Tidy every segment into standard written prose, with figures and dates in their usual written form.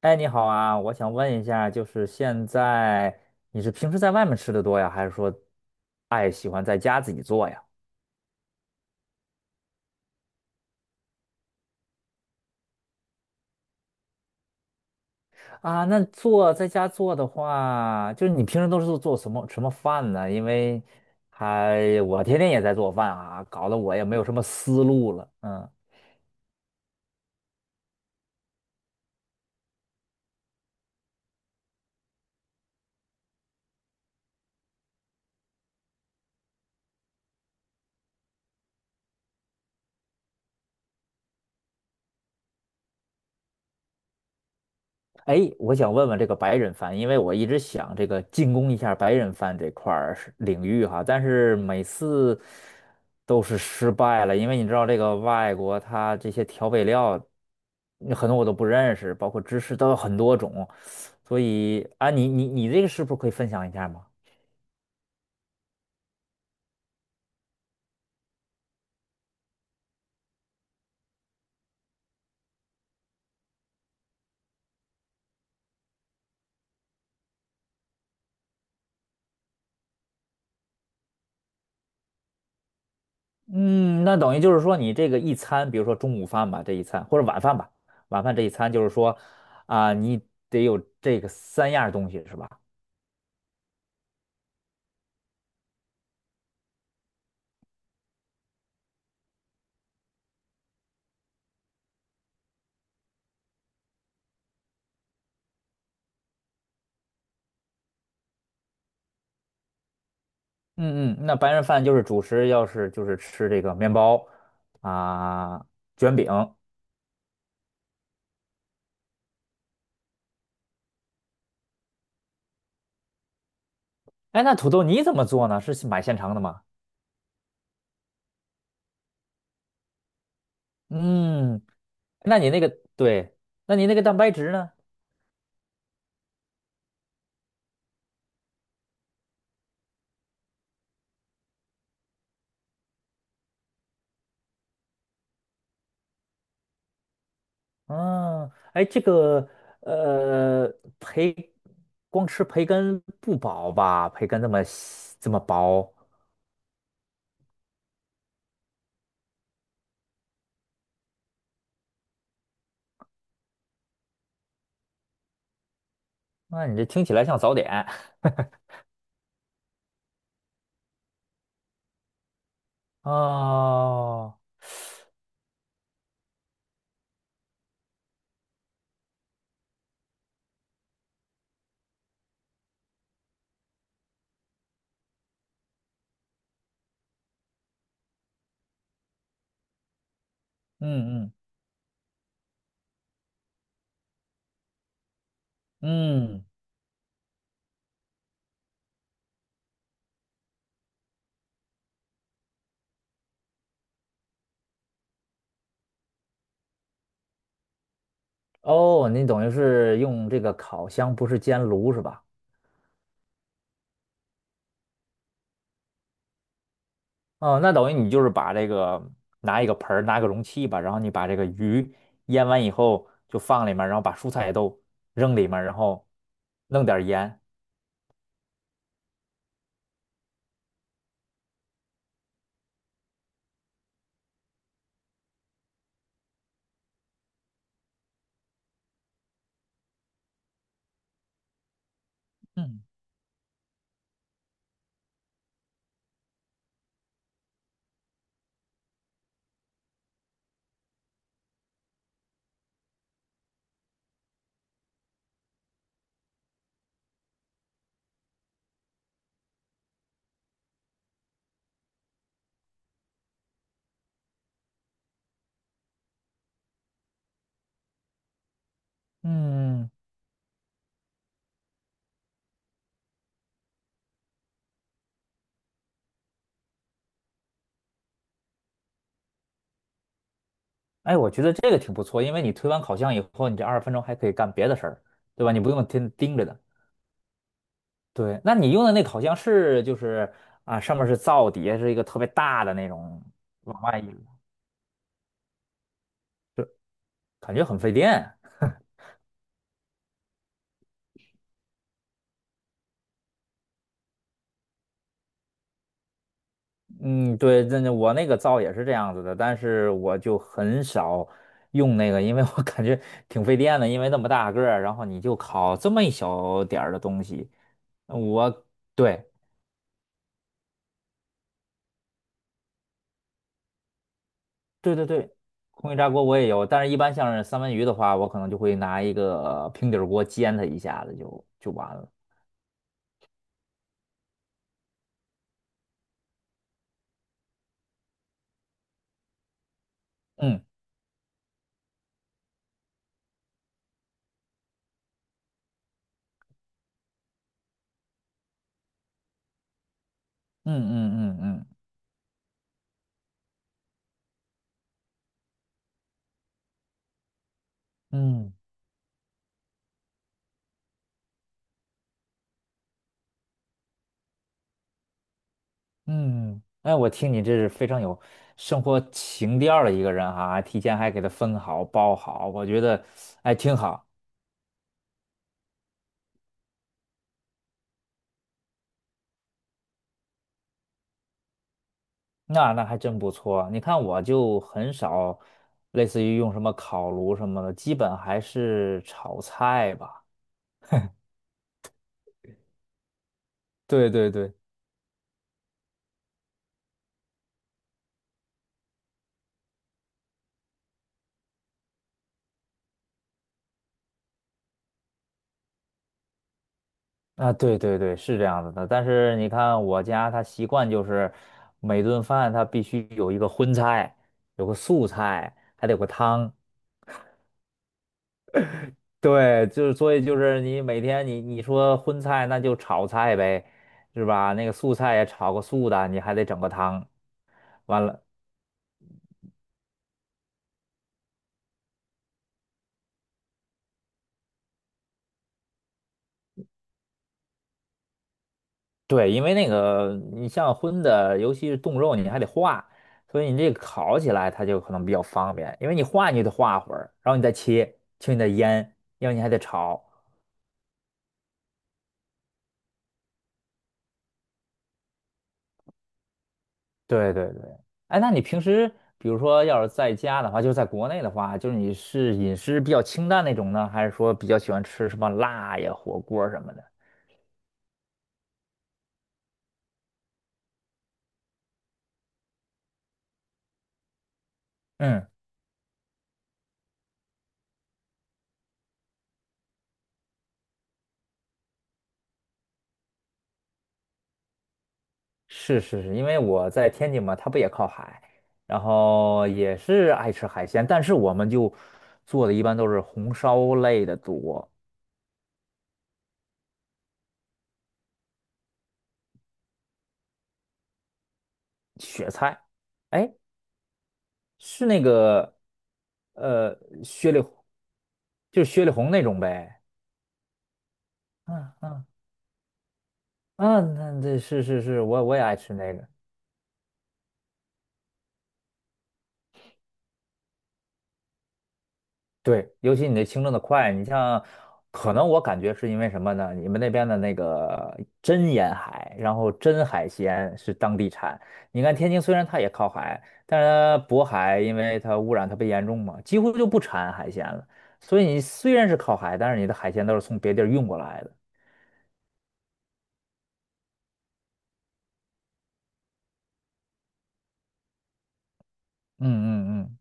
哎，你好啊，我想问一下，就是现在你是平时在外面吃的多呀，还是说喜欢在家自己做呀？啊，那在家做的话，就是你平时都是做做什么什么饭呢？因为我天天也在做饭啊，搞得我也没有什么思路了。嗯，哎，我想问问这个白人饭，因为我一直想这个进攻一下白人饭这块儿是领域哈，但是每次都是失败了，因为你知道这个外国它这些调味料，很多我都不认识，包括芝士都有很多种，所以啊，你这个是不是可以分享一下吗？嗯，那等于就是说你这个一餐，比如说中午饭吧，这一餐或者晚饭吧，晚饭这一餐就是说啊，你得有这个三样东西是吧？嗯，那白人饭就是主食，要是就是吃这个面包啊、卷饼。哎，那土豆你怎么做呢？是买现成的吗？嗯，那你那个对，那你那个蛋白质呢？嗯，哎，这个呃，培光吃培根不饱吧？培根这么细这么薄，那你这听起来像早点。哦，嗯嗯嗯。哦，你等于是用这个烤箱，不是煎炉是吧？哦，那等于你就是把这个拿一个盆儿，拿个容器吧，然后你把这个鱼腌完以后就放里面，然后把蔬菜都扔里面，然后弄点儿盐。嗯嗯，哎，我觉得这个挺不错，因为你推完烤箱以后，你这20分钟还可以干别的事儿，对吧？你不用天盯着的。对，那你用的那烤箱是就是啊，上面是灶，底下是一个特别大的那种往外一，感觉很费电啊。嗯，对，那我那个灶也是这样子的，但是我就很少用那个，因为我感觉挺费电的，因为那么大个儿，然后你就烤这么一小点儿的东西，呃我对对对对，空气炸锅我也有，但是一般像是三文鱼的话，我可能就会拿一个平底儿锅煎它一下子就完了。嗯嗯嗯嗯嗯嗯。嗯嗯，哎，我听你这是非常有生活情调儿的一个人哈，提前还给他分好包好，我觉得哎挺好，那还真不错。你看我就很少，类似于用什么烤炉什么的，基本还是炒菜吧。对对对，啊对对对，是这样子的。但是你看我家他习惯就是每顿饭他必须有一个荤菜，有个素菜，还得有个汤。对，就是所以就是你每天你说荤菜那就炒菜呗，是吧？那个素菜也炒个素的，你还得整个汤。完了，对，因为那个你像荤的，尤其是冻肉，你还得化，所以你这个烤起来它就可能比较方便，因为你化你就得化会儿，然后你再切，切你再腌，要不你还得炒。对对对，哎，那你平时比如说要是在家的话，就是在国内的话，就是你是饮食比较清淡那种呢，还是说比较喜欢吃什么辣呀、火锅什么的？嗯，是是是，因为我在天津嘛，它不也靠海，然后也是爱吃海鲜，但是我们就做的一般都是红烧类的多，雪菜，哎，是那个呃雪里红就是雪里红那种呗。嗯嗯嗯，那这是是是，我也爱吃那个。对，尤其你那清蒸的快，你像，可能我感觉是因为什么呢？你们那边的那个真沿海，然后真海鲜是当地产。你看天津虽然它也靠海，但是它渤海因为它污染特别严重嘛，几乎就不产海鲜了。所以你虽然是靠海，但是你的海鲜都是从别地儿运过来的。嗯嗯嗯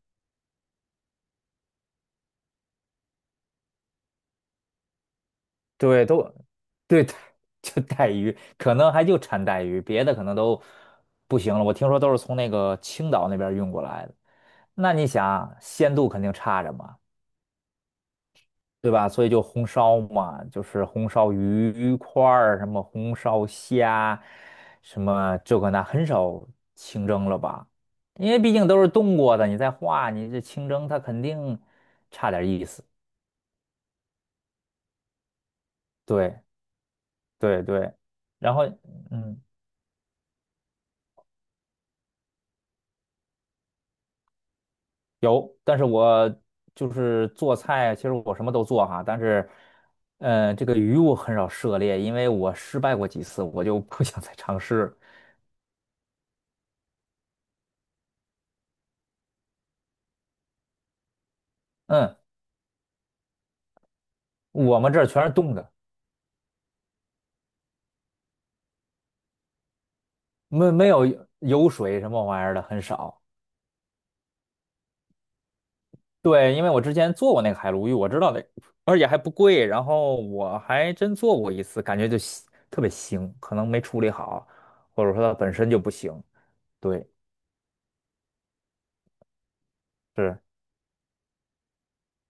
对，都对，就带鱼，可能还就产带鱼，别的可能都不行了。我听说都是从那个青岛那边运过来的，那你想鲜度肯定差着嘛，对吧？所以就红烧嘛，就是红烧鱼块儿，什么红烧虾，什么这个那，很少清蒸了吧？因为毕竟都是冻过的，你再化，你这清蒸它肯定差点意思。对对对，然后嗯。有，但是我就是做菜，其实我什么都做哈，但是，这个鱼我很少涉猎，因为我失败过几次，我就不想再尝试。嗯，我们这儿全是冻的，没有油水什么玩意儿的，很少。对，因为我之前做过那个海鲈鱼，我知道的，而且还不贵，然后我还真做过一次，感觉就腥特别腥，可能没处理好，或者说它本身就不行。对，是。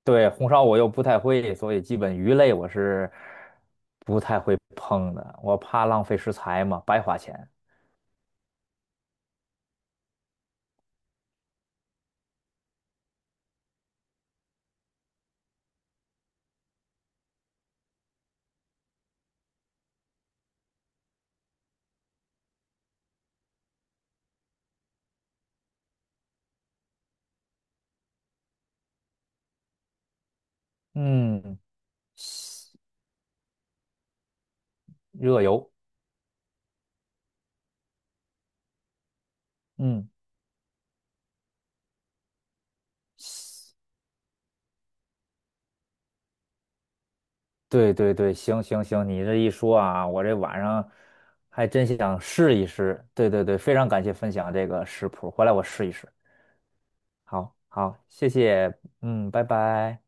对，红烧我又不太会，所以基本鱼类我是不太会碰的，我怕浪费食材嘛，白花钱。嗯，西热油，嗯，西对对对，行行行，你这一说啊，我这晚上还真想试一试。对对对，非常感谢分享这个食谱，回来我试一试。好，好，谢谢，嗯，拜拜。